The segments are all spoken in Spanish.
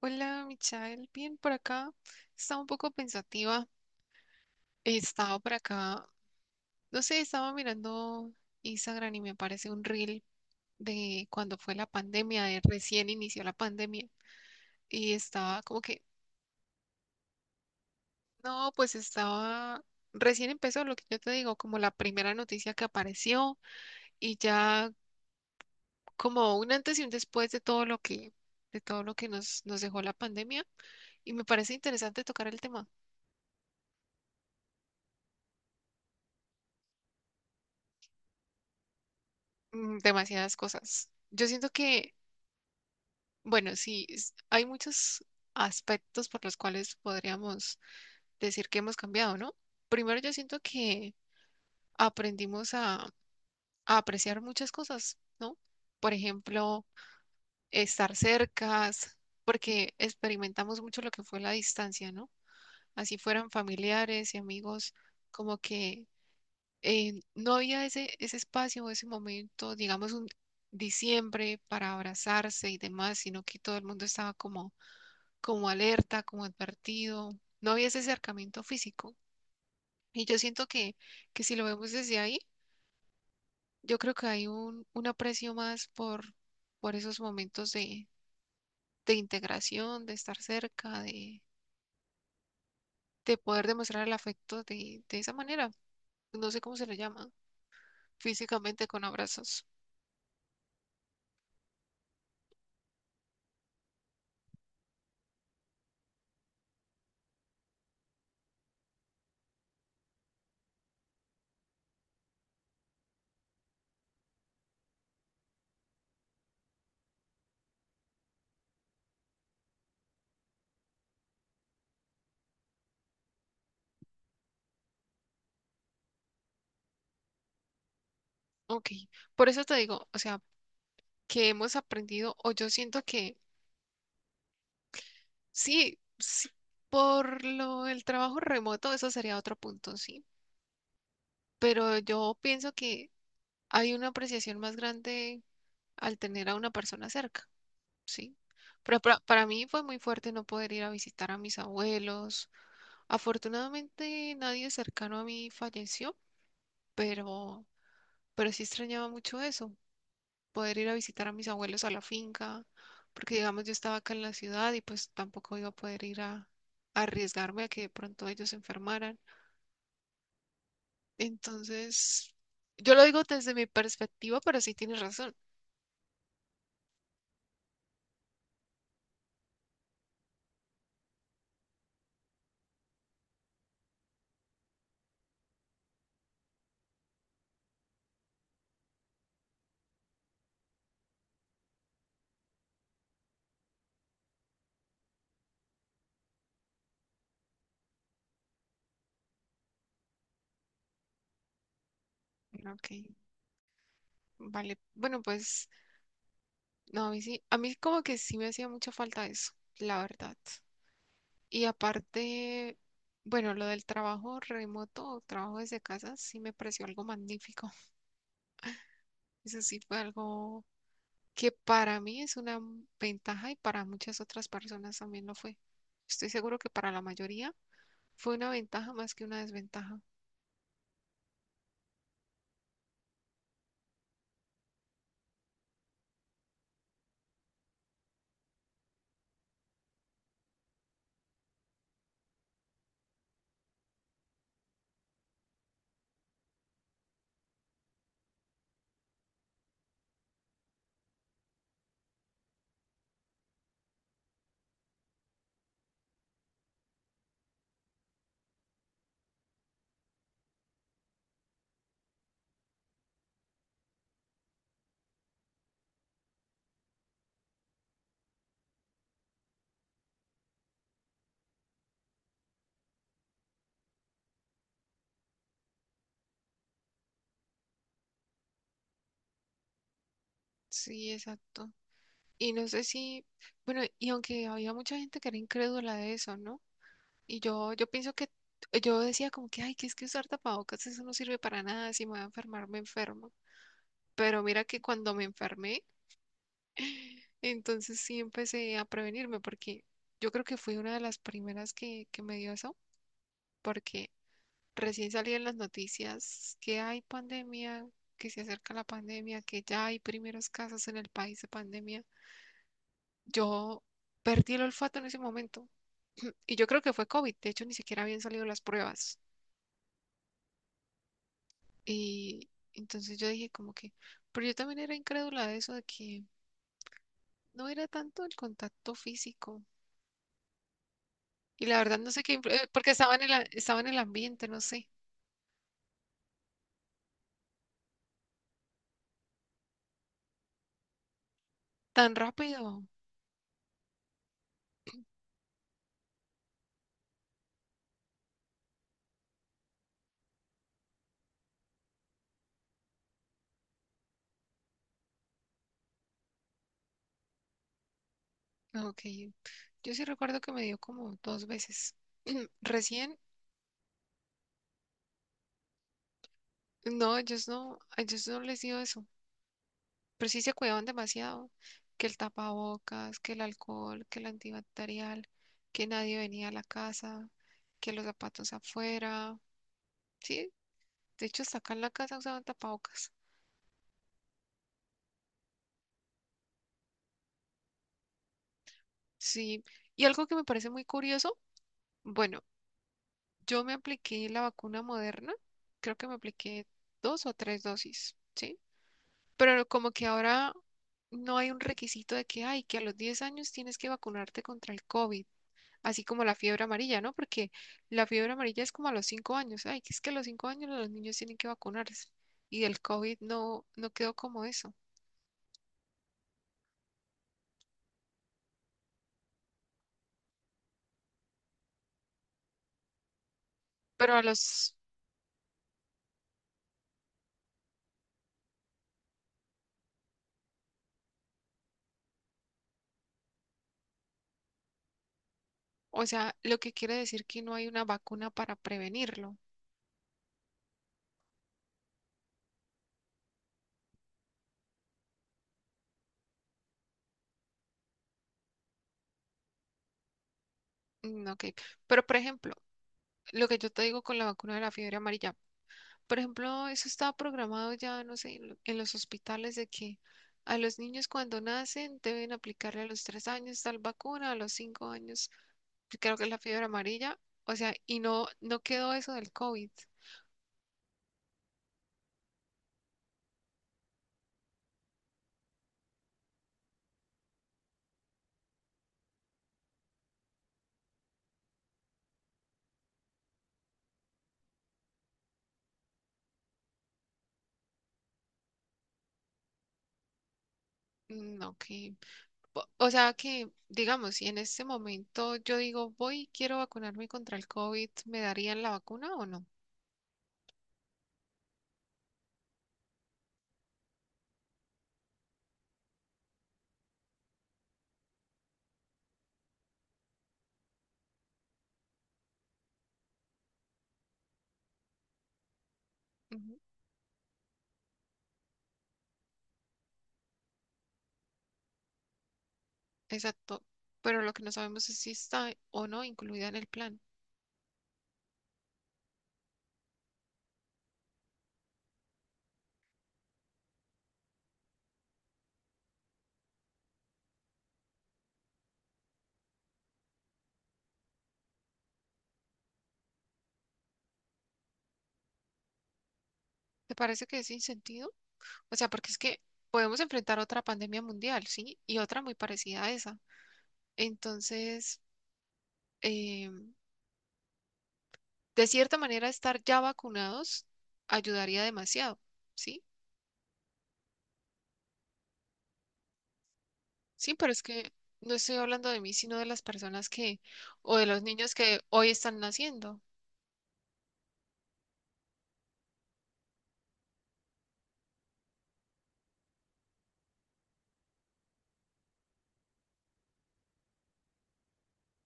Hola, Michael. Bien, por acá. Estaba un poco pensativa. Estaba por acá. No sé, estaba mirando Instagram y me aparece un reel de cuando fue la pandemia, de recién inició la pandemia. Y estaba como que, no, pues estaba. Recién empezó lo que yo te digo, como la primera noticia que apareció y ya como un antes y un después de todo lo que, nos dejó la pandemia. Y me parece interesante tocar el tema. Demasiadas cosas. Yo siento que bueno, sí, hay muchos aspectos por los cuales podríamos decir que hemos cambiado, ¿no? Primero, yo siento que aprendimos a apreciar muchas cosas, ¿no? Por ejemplo, estar cercas, porque experimentamos mucho lo que fue la distancia, ¿no? Así fueran familiares y amigos, como que no había ese espacio, ese momento, digamos, un diciembre para abrazarse y demás, sino que todo el mundo estaba como alerta, como advertido. No había ese acercamiento físico. Y yo siento que si lo vemos desde ahí, yo creo que hay un aprecio más por esos momentos de integración, de estar cerca, de poder demostrar el afecto de esa manera. No sé cómo se le llama, físicamente con abrazos. Ok, por eso te digo, o sea, que hemos aprendido, o yo siento que sí, sí, por lo el trabajo remoto, eso sería otro punto. Sí, pero yo pienso que hay una apreciación más grande al tener a una persona cerca, ¿sí? Pero para mí fue muy fuerte no poder ir a visitar a mis abuelos. Afortunadamente nadie cercano a mí falleció, pero, pero sí extrañaba mucho eso, poder ir a visitar a mis abuelos a la finca, porque digamos yo estaba acá en la ciudad y pues tampoco iba a poder ir a arriesgarme a que de pronto ellos se enfermaran. Entonces, yo lo digo desde mi perspectiva, pero sí tienes razón. Ok, vale. Bueno, pues no, a mí sí, a mí como que sí me hacía mucha falta eso, la verdad. Y aparte, bueno, lo del trabajo remoto o trabajo desde casa sí me pareció algo magnífico. Eso sí fue algo que para mí es una ventaja y para muchas otras personas también lo fue. Estoy seguro que para la mayoría fue una ventaja más que una desventaja. Sí, exacto. Y no sé si, bueno, y aunque había mucha gente que era incrédula de eso, ¿no? Y yo pienso que yo decía como que, ay, que es que usar tapabocas, eso no sirve para nada, si me voy a enfermar, me enfermo. Pero mira que cuando me enfermé, entonces sí empecé a prevenirme, porque yo creo que fui una de las primeras que me dio eso, porque recién salí en las noticias que hay pandemia, que se acerca la pandemia, que ya hay primeros casos en el país de pandemia. Yo perdí el olfato en ese momento, y yo creo que fue COVID, de hecho ni siquiera habían salido las pruebas. Y entonces yo dije como que, pero yo también era incrédula de eso, de que no era tanto el contacto físico. Y la verdad no sé qué, porque estaba en el ambiente, no sé, tan rápido. Ok, yo sí recuerdo que me dio como dos veces. Recién, no, ellos no, a ellos no les dio eso, pero sí se cuidaban demasiado, que el tapabocas, que el alcohol, que el antibacterial, que nadie venía a la casa, que los zapatos afuera. Sí, de hecho, hasta acá en la casa usaban tapabocas. Sí. Y algo que me parece muy curioso, bueno, yo me apliqué la vacuna Moderna, creo que me apliqué dos o tres dosis, ¿sí? Pero como que ahora no hay un requisito de que, ay, que a los 10 años tienes que vacunarte contra el COVID, así como la fiebre amarilla, ¿no? Porque la fiebre amarilla es como a los 5 años, ay, que es que a los 5 años los niños tienen que vacunarse. Y del COVID no, no quedó como eso. Pero a los O sea, lo que quiere decir que no hay una vacuna para prevenirlo. Ok, pero por ejemplo, lo que yo te digo con la vacuna de la fiebre amarilla, por ejemplo, eso está programado ya, no sé, en en los hospitales de que a los niños cuando nacen deben aplicarle a los 3 años tal vacuna, a los 5 años, pues, creo que es la fiebre amarilla, o sea, y no, no quedó eso del COVID. Ok, o sea que, digamos, si en este momento yo digo, voy, quiero vacunarme contra el COVID, ¿me darían la vacuna o no? Ujú, exacto, pero lo que no sabemos es si está o no incluida en el plan. ¿Te parece que es sin sentido? O sea, porque es que podemos enfrentar otra pandemia mundial, ¿sí? Y otra muy parecida a esa. Entonces, eh, de cierta manera, estar ya vacunados ayudaría demasiado, ¿sí? Sí, pero es que no estoy hablando de mí, sino de las personas que, o de los niños que hoy están naciendo.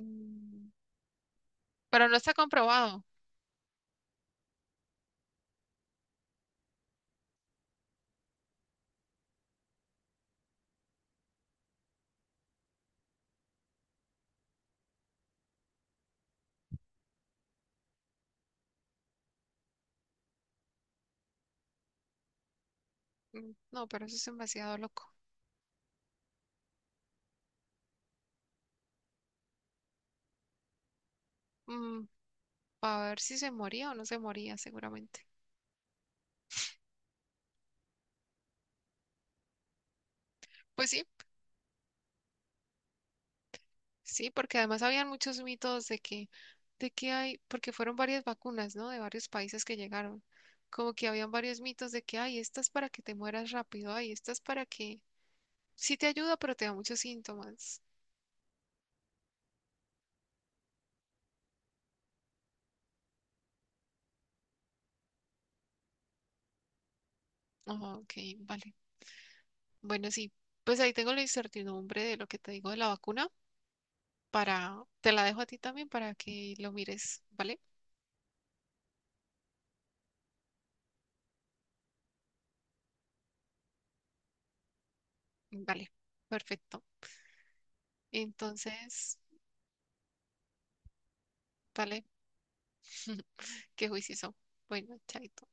Mm, pero no está comprobado. No, pero eso es demasiado loco. Mm, para ver si se moría o no se moría seguramente. Pues sí, sí, porque además habían muchos mitos de que hay, porque fueron varias vacunas, ¿no? De varios países que llegaron. Como que habían varios mitos de que, ay, esta es para que te mueras rápido, ay, esta es para que sí te ayuda, pero te da muchos síntomas. Ah, ok, vale. Bueno, sí, pues ahí tengo la incertidumbre de lo que te digo de la vacuna para, te la dejo a ti también para que lo mires, ¿vale? Vale, perfecto. Entonces, vale. Qué juicioso. Bueno, chaito.